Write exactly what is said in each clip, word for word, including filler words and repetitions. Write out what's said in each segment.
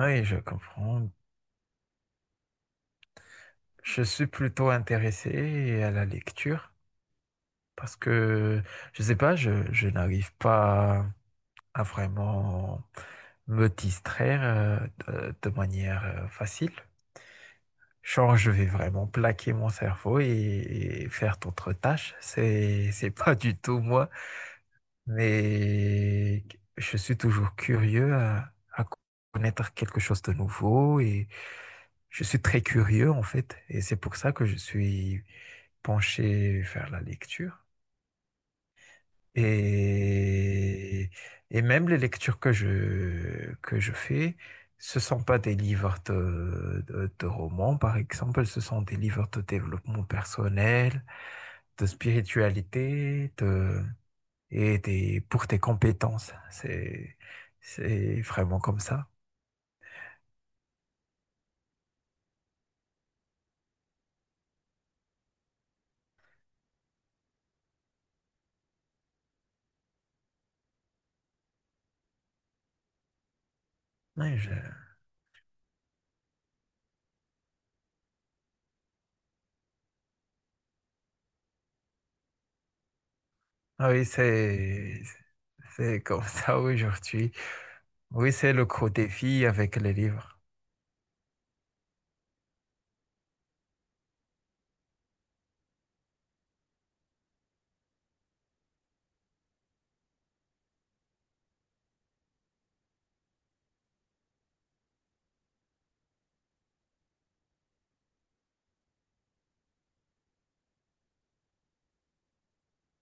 Oui, je comprends. Je suis plutôt intéressé à la lecture parce que, je sais pas, je, je n'arrive pas à vraiment me distraire euh, de, de manière euh, facile. Genre, je vais vraiment plaquer mon cerveau et, et faire d'autres tâches. C'est, c'est pas du tout moi. Mais je suis toujours curieux à, à connaître quelque chose de nouveau et je suis très curieux en fait. Et c'est pour ça que je suis penché vers la lecture. Et, et même les lectures que je, que je fais, ce sont pas des livres de, de, de romans, par exemple, ce sont des livres de développement personnel, de spiritualité, de et tes- pour tes compétences. C'est, c'est vraiment comme ça. Oui, je- ah oui, c'est, c'est comme ça aujourd'hui. Oui, c'est le gros défi avec les livres.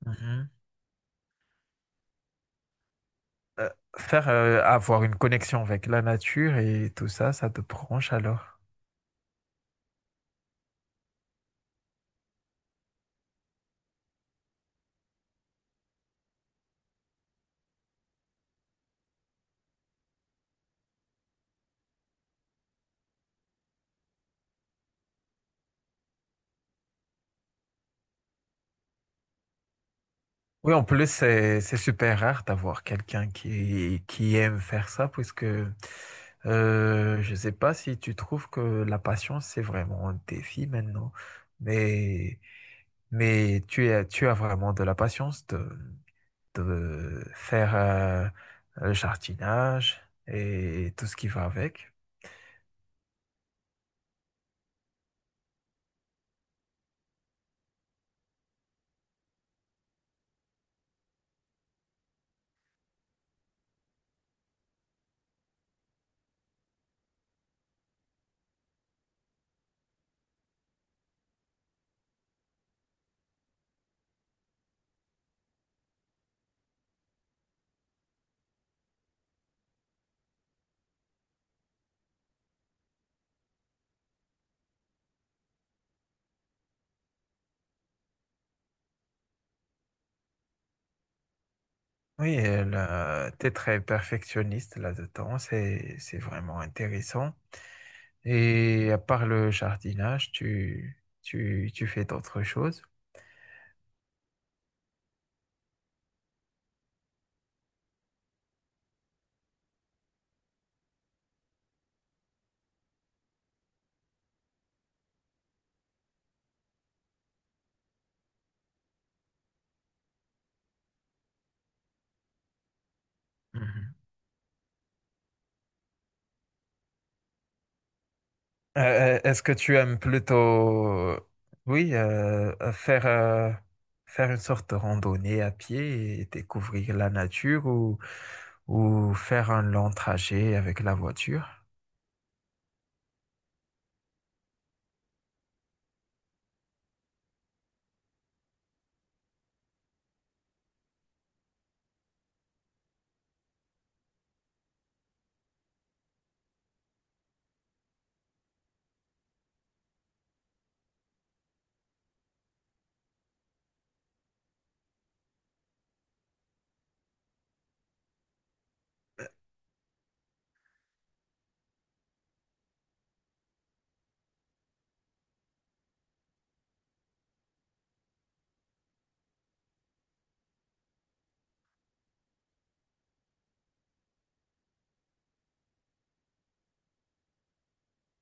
Mhm. Euh, Faire euh, avoir une connexion avec la nature et tout ça, ça te branche alors. Oui, en plus, c'est c'est super rare d'avoir quelqu'un qui, qui aime faire ça, puisque euh, je ne sais pas si tu trouves que la passion, c'est vraiment un défi maintenant. Mais Mais tu as, tu as vraiment de la patience de, de faire euh, le jardinage et tout ce qui va avec. Oui, tu es très perfectionniste là-dedans, c'est, c'est vraiment intéressant. Et à part le jardinage, tu, tu, tu fais d'autres choses. Mhm. Euh, euh, est-ce que tu aimes plutôt, oui, euh, faire, euh, faire une sorte de randonnée à pied et découvrir la nature ou, ou faire un long trajet avec la voiture,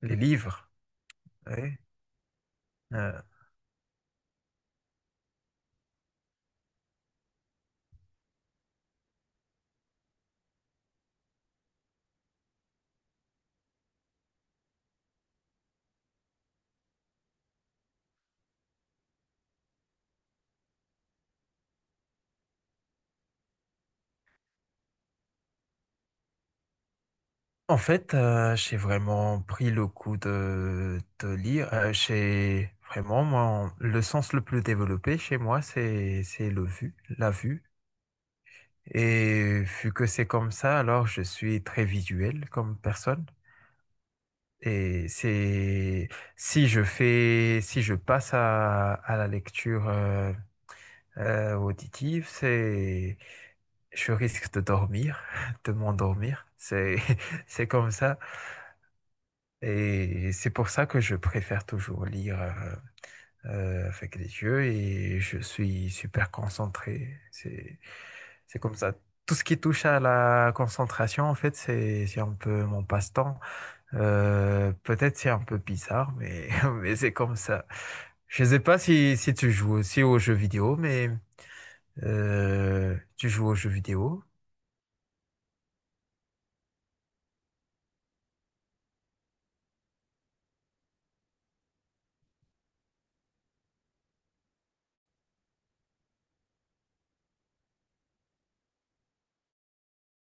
les livres, oui. Euh, En fait, euh, j'ai vraiment pris le coup de, de lire. Euh, j'ai vraiment, mon- le sens le plus développé chez moi, c'est, c'est le vu, la vue. Et vu que c'est comme ça, alors je suis très visuel comme personne. Et c'est si je fais, si je passe à, à la lecture euh, euh, auditive, c'est je risque de dormir, de m'endormir. C'est c'est comme ça. Et c'est pour ça que je préfère toujours lire euh, euh, avec les yeux et je suis super concentré. C'est c'est comme ça. Tout ce qui touche à la concentration, en fait, c'est c'est un peu mon passe-temps. Euh, peut-être c'est un peu bizarre, mais, mais c'est comme ça. Je ne sais pas si, si tu joues aussi aux jeux vidéo, mais euh, tu joues aux jeux vidéo.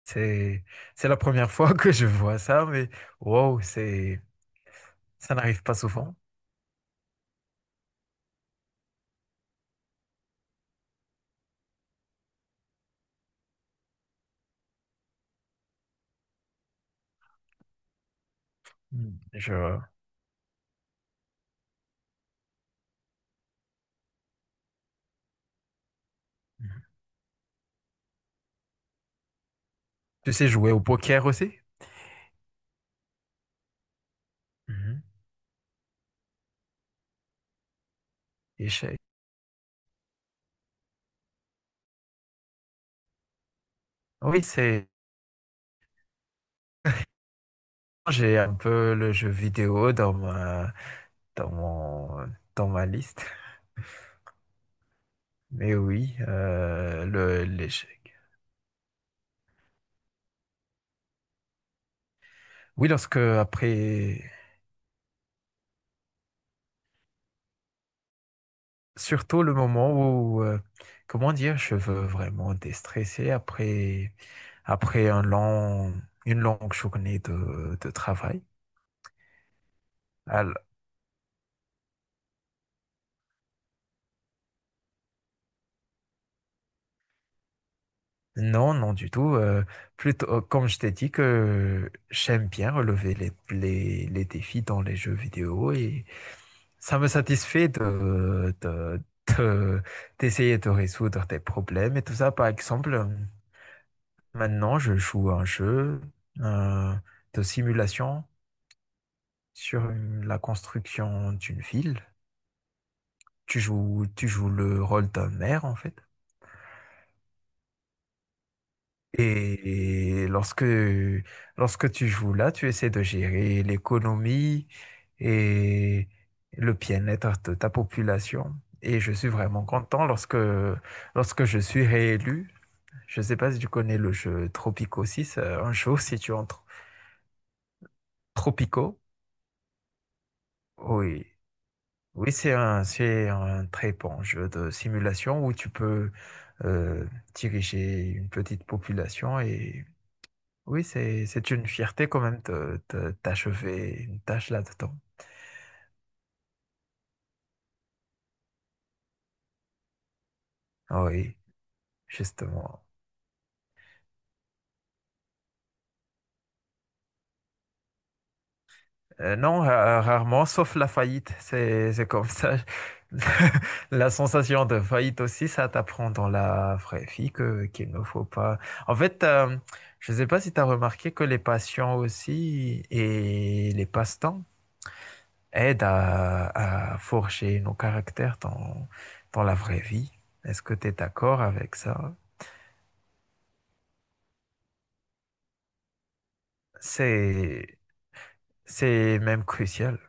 C'est, c'est la première fois que je vois ça, mais wow, c'est, ça n'arrive pas souvent. Mm. Je, tu sais jouer au poker aussi? Mhm. Échec. Oui, c'est, j'ai un peu le jeu vidéo dans ma, dans mon, dans ma liste. Mais oui, euh, le, l'échec. Oui, lorsque après, surtout le moment où, euh, comment dire, je veux vraiment déstresser après, après un long, une longue journée de, de travail. Alors, non, non du tout. Euh, plutôt, euh, comme je t'ai dit que j'aime bien relever les, les, les défis dans les jeux vidéo et ça me satisfait de, de, de- d'essayer de résoudre des problèmes et tout ça. Par exemple, maintenant, je joue à un jeu euh, de simulation sur une- la construction d'une ville. Tu joues, tu joues le rôle d'un maire, en fait. Et lorsque, lorsque tu joues là, tu essaies de gérer l'économie et le bien-être de ta population. Et je suis vraiment content lorsque, lorsque je suis réélu. Je ne sais pas si tu connais le jeu Tropico six. Euh, un jeu si tu entres Tropico. Oui. Oui, c'est un, c'est un très bon jeu de simulation où tu peux euh, diriger une petite population et oui, c'est, c'est une fierté quand même de, de- d'achever une tâche là-dedans. Ah oui, justement. Euh, non, ra- rarement, sauf la faillite, c'est, c'est comme ça. La sensation de faillite aussi, ça t'apprend dans la vraie vie que, qu'il ne faut pas. En fait, euh, je ne sais pas si tu as remarqué que les passions aussi et les passe-temps, aide à, à forger nos caractères dans, dans la vraie vie. Est-ce que tu es d'accord avec ça? C'est, c'est même crucial.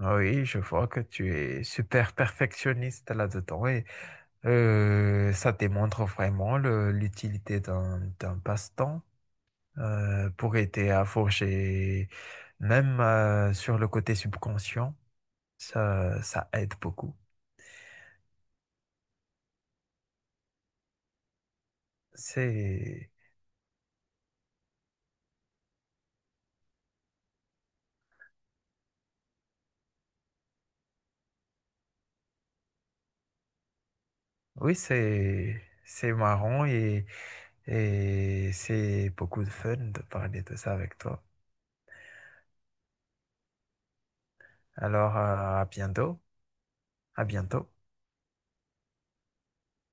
Ah oui, je vois que tu es super perfectionniste là-dedans et euh, ça démontre vraiment le- l'utilité d'un d'un passe-temps euh, pour aider à forger, même euh, sur le côté subconscient, ça, ça aide beaucoup. C'est oui, c'est c'est marrant et, et c'est beaucoup de fun de parler de ça avec toi. Alors, à à bientôt. À bientôt.